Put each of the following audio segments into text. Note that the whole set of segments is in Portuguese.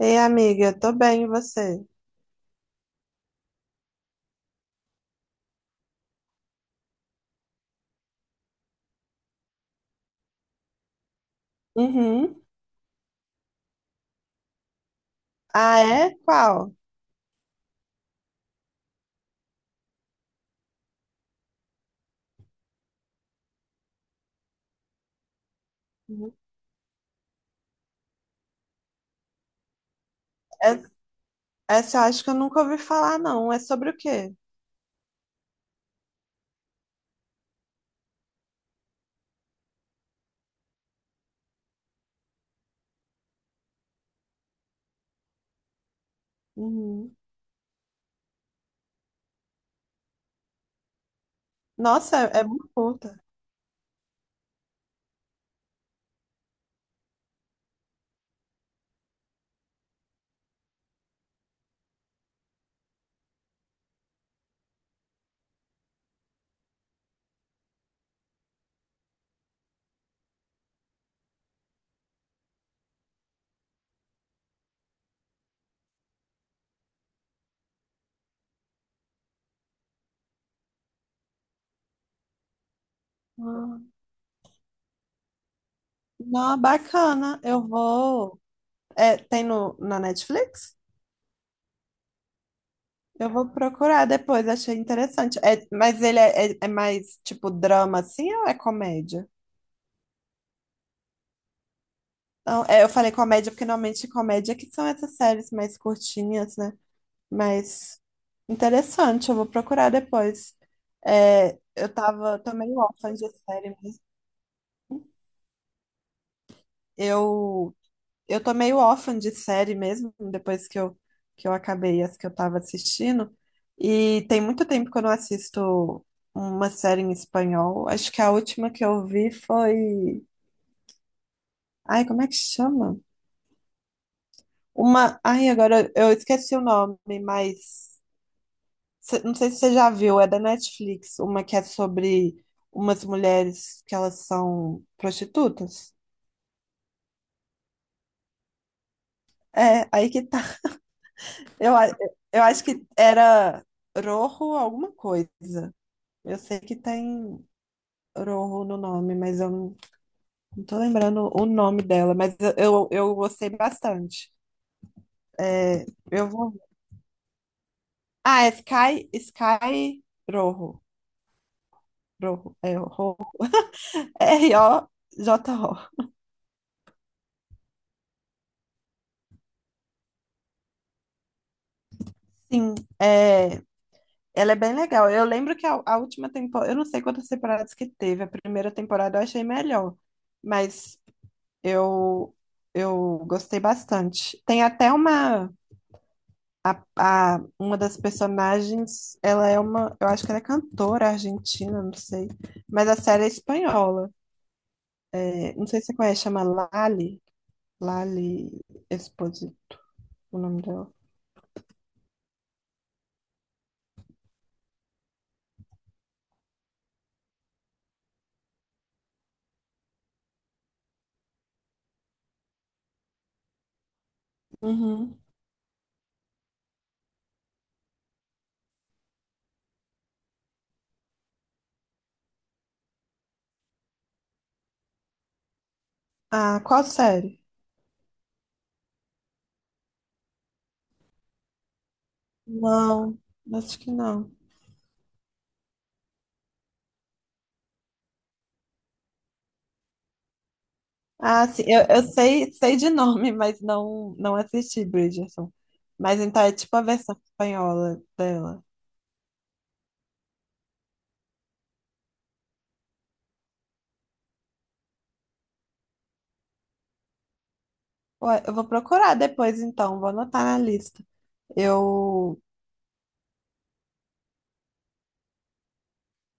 Ei, amiga, tô bem, e você? Uhum. Ah, é? Qual? Uhum. É- Essa eu acho que eu nunca ouvi falar, não. É sobre o quê? Uhum. Nossa, é muito curta. Ah, não, bacana. Eu vou. É, tem no, na Netflix? Eu vou procurar depois, achei interessante. É, mas ele é mais tipo drama assim ou é comédia? Não, é, eu falei comédia porque normalmente comédia é que são essas séries mais curtinhas, né? Mas interessante, eu vou procurar depois. É, eu tô meio órfã de série mesmo. Eu, eu tô meio órfã de série mesmo, depois que eu acabei as que eu tava assistindo. E tem muito tempo que eu não assisto uma série em espanhol. Acho que a última que eu vi foi. Ai, como é que chama? Uma. Ai, agora eu esqueci o nome, mas. Não sei se você já viu, é da Netflix, uma que é sobre umas mulheres que elas são prostitutas. É, aí que tá. Eu, a- eu acho que era Rojo alguma coisa. Eu sei que tem Rojo no nome, mas eu não tô lembrando o nome dela, mas eu gostei bastante. É, eu vou. Ah, é Sky Rojo. Rojo, é Rojo. Rojo. Sim, é. Ela é bem legal. Eu lembro que a última temporada, eu não sei quantas temporadas que teve, a primeira temporada eu achei melhor, mas eu eu gostei bastante. Tem até a, uma das personagens, ela é uma, eu acho que ela é cantora argentina, não sei, mas a série é espanhola. É, não sei se você conhece, chama Lali Esposito, o nome dela. Uhum. Ah, qual série? Não, acho que não. Ah, sim, eu sei de nome, mas não assisti Bridgerton. Mas então é tipo a versão espanhola dela. Ué, eu vou procurar depois, então, vou anotar na lista. Eu,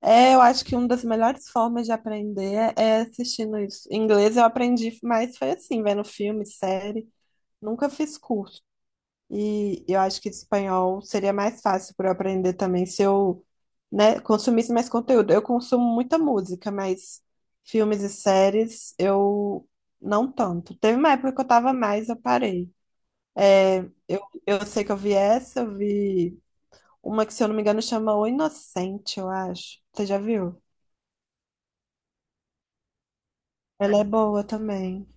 É, eu acho que uma das melhores formas de aprender é assistindo isso. Em inglês eu aprendi mais, foi assim, vendo filme, série. Nunca fiz curso. E eu acho que espanhol seria mais fácil para eu aprender também se eu, né, consumisse mais conteúdo. Eu consumo muita música, mas filmes e séries eu não tanto. Teve uma época que eu tava mais, eu parei. Eu, eu sei que eu vi essa, eu vi uma que, se eu não me engano, chama O Inocente, eu acho. Você já viu? Ela é boa também.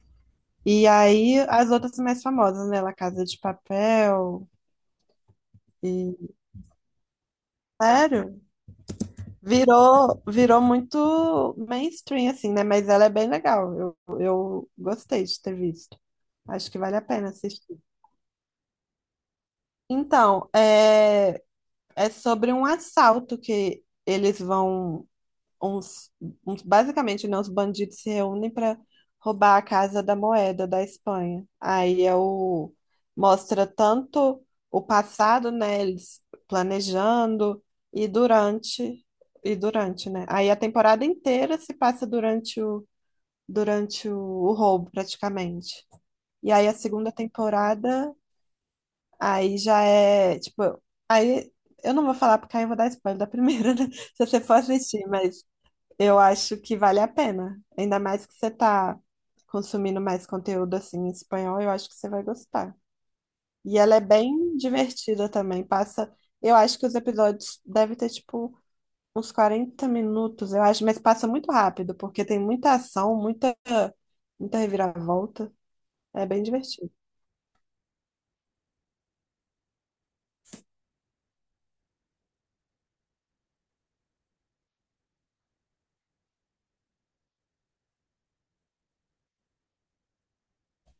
E aí, as outras mais famosas, né? La Casa de Papel e... Sério? Virou muito mainstream, assim, né? Mas ela é bem legal. Eu gostei de ter visto. Acho que vale a pena assistir. Então, é sobre um assalto que eles vão uns, basicamente, né, os bandidos se reúnem para roubar a Casa da Moeda da Espanha. Aí mostra tanto o passado, né, eles planejando e durante e durante, né? Aí a temporada inteira se passa durante o roubo, praticamente. E aí a segunda temporada, aí já é, tipo, aí eu não vou falar porque aí eu vou dar spoiler da primeira, né? Se você for assistir, mas eu acho que vale a pena. Ainda mais que você tá consumindo mais conteúdo assim em espanhol, eu acho que você vai gostar. E ela é bem divertida também. Passa, eu acho que os episódios devem ter tipo uns 40 minutos, eu acho, mas passa muito rápido, porque tem muita ação, muita muita reviravolta. É bem divertido.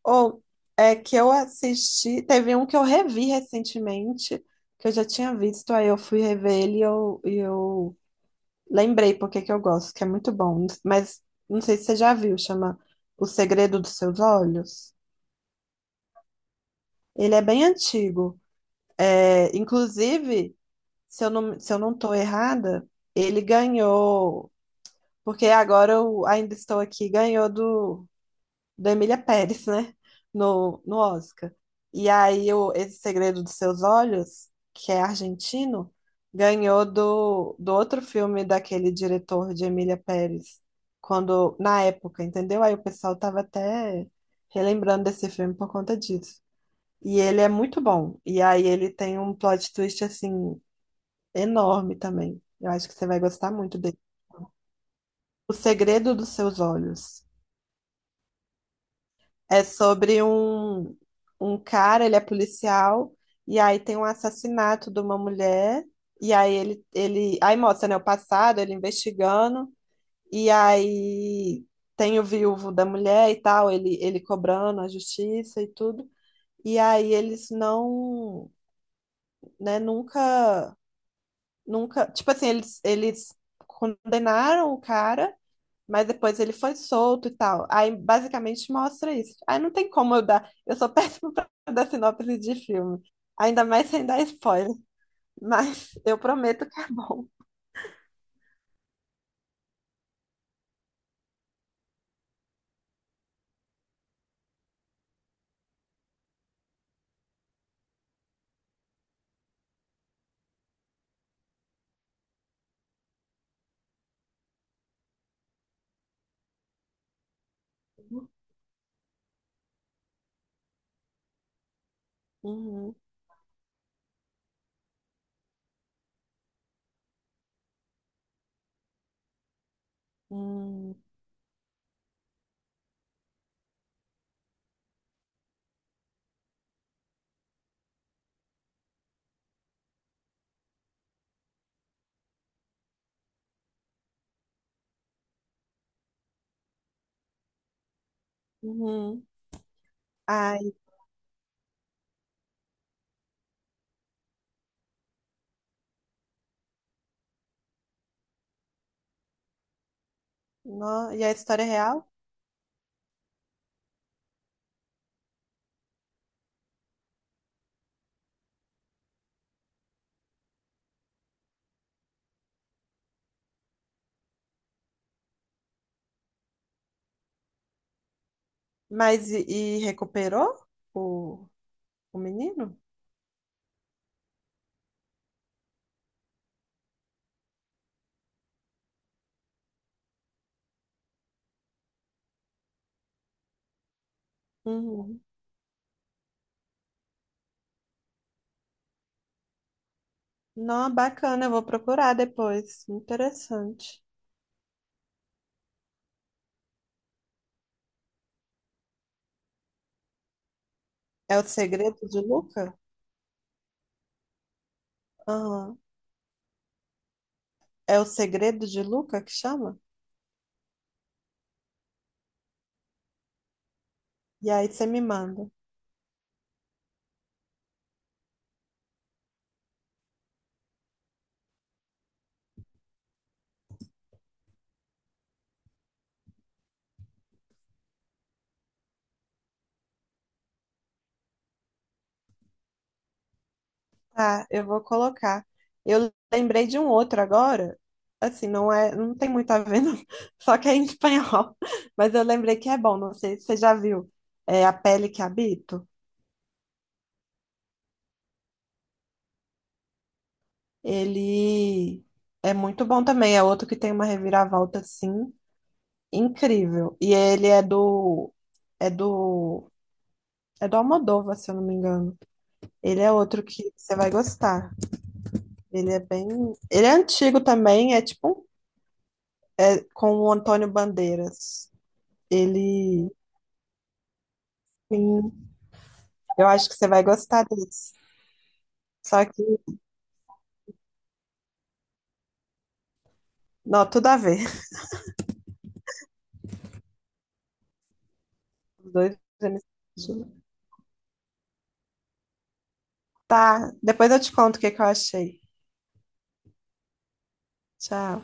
Ou é que eu assisti, teve um que eu revi recentemente, que eu já tinha visto, aí eu fui rever ele e eu lembrei porque que eu gosto, que é muito bom. Mas não sei se você já viu, chama O Segredo dos Seus Olhos. Ele é bem antigo. É, inclusive, se eu não tô errada, ele ganhou, porque agora eu ainda estou aqui, ganhou do da Emília Pérez, né? No Oscar. E aí o Esse Segredo dos Seus Olhos, que é argentino, ganhou do outro filme daquele diretor de Emília Pérez, quando, na época, entendeu? Aí o pessoal tava até relembrando desse filme por conta disso. E ele é muito bom. E aí ele tem um plot twist assim enorme também. Eu acho que você vai gostar muito dele. O Segredo dos Seus Olhos. É sobre um cara, ele é policial, e aí tem um assassinato de uma mulher, e aí aí mostra, né, o passado, ele investigando, e aí tem o viúvo da mulher e tal, ele cobrando a justiça e tudo, e aí eles não, né, nunca, tipo assim, eles condenaram o cara, mas depois ele foi solto e tal. Aí basicamente mostra isso. Aí não tem como eu dar. Eu sou péssima pra dar sinopse de filme. Ainda mais sem dar spoiler. Mas eu prometo que é bom. Uhum, uhum, uhum. Ai, no... E a história é real? Mas e recuperou o, o menino? Uhum. Não, bacana, eu vou procurar depois. Interessante. É o segredo de Luca? Aham. É o segredo de Luca que chama? E aí você me manda. Tá, eu vou colocar. Eu lembrei de um outro agora. Assim, não é, não tem muito a ver, não. Só que é em espanhol. Mas eu lembrei que é bom, não sei se você já viu. É A Pele que Habito. Ele é muito bom também. É outro que tem uma reviravolta assim incrível. E ele é do é do Almodóvar, se eu não me engano. Ele é outro que você vai gostar. Ele é bem, ele é antigo também, é, com o Antônio Bandeiras. Ele, sim, eu acho que você vai gostar disso. Só que, não, tudo a ver. Os dois. Tá, depois eu te conto o que que eu achei. Tchau.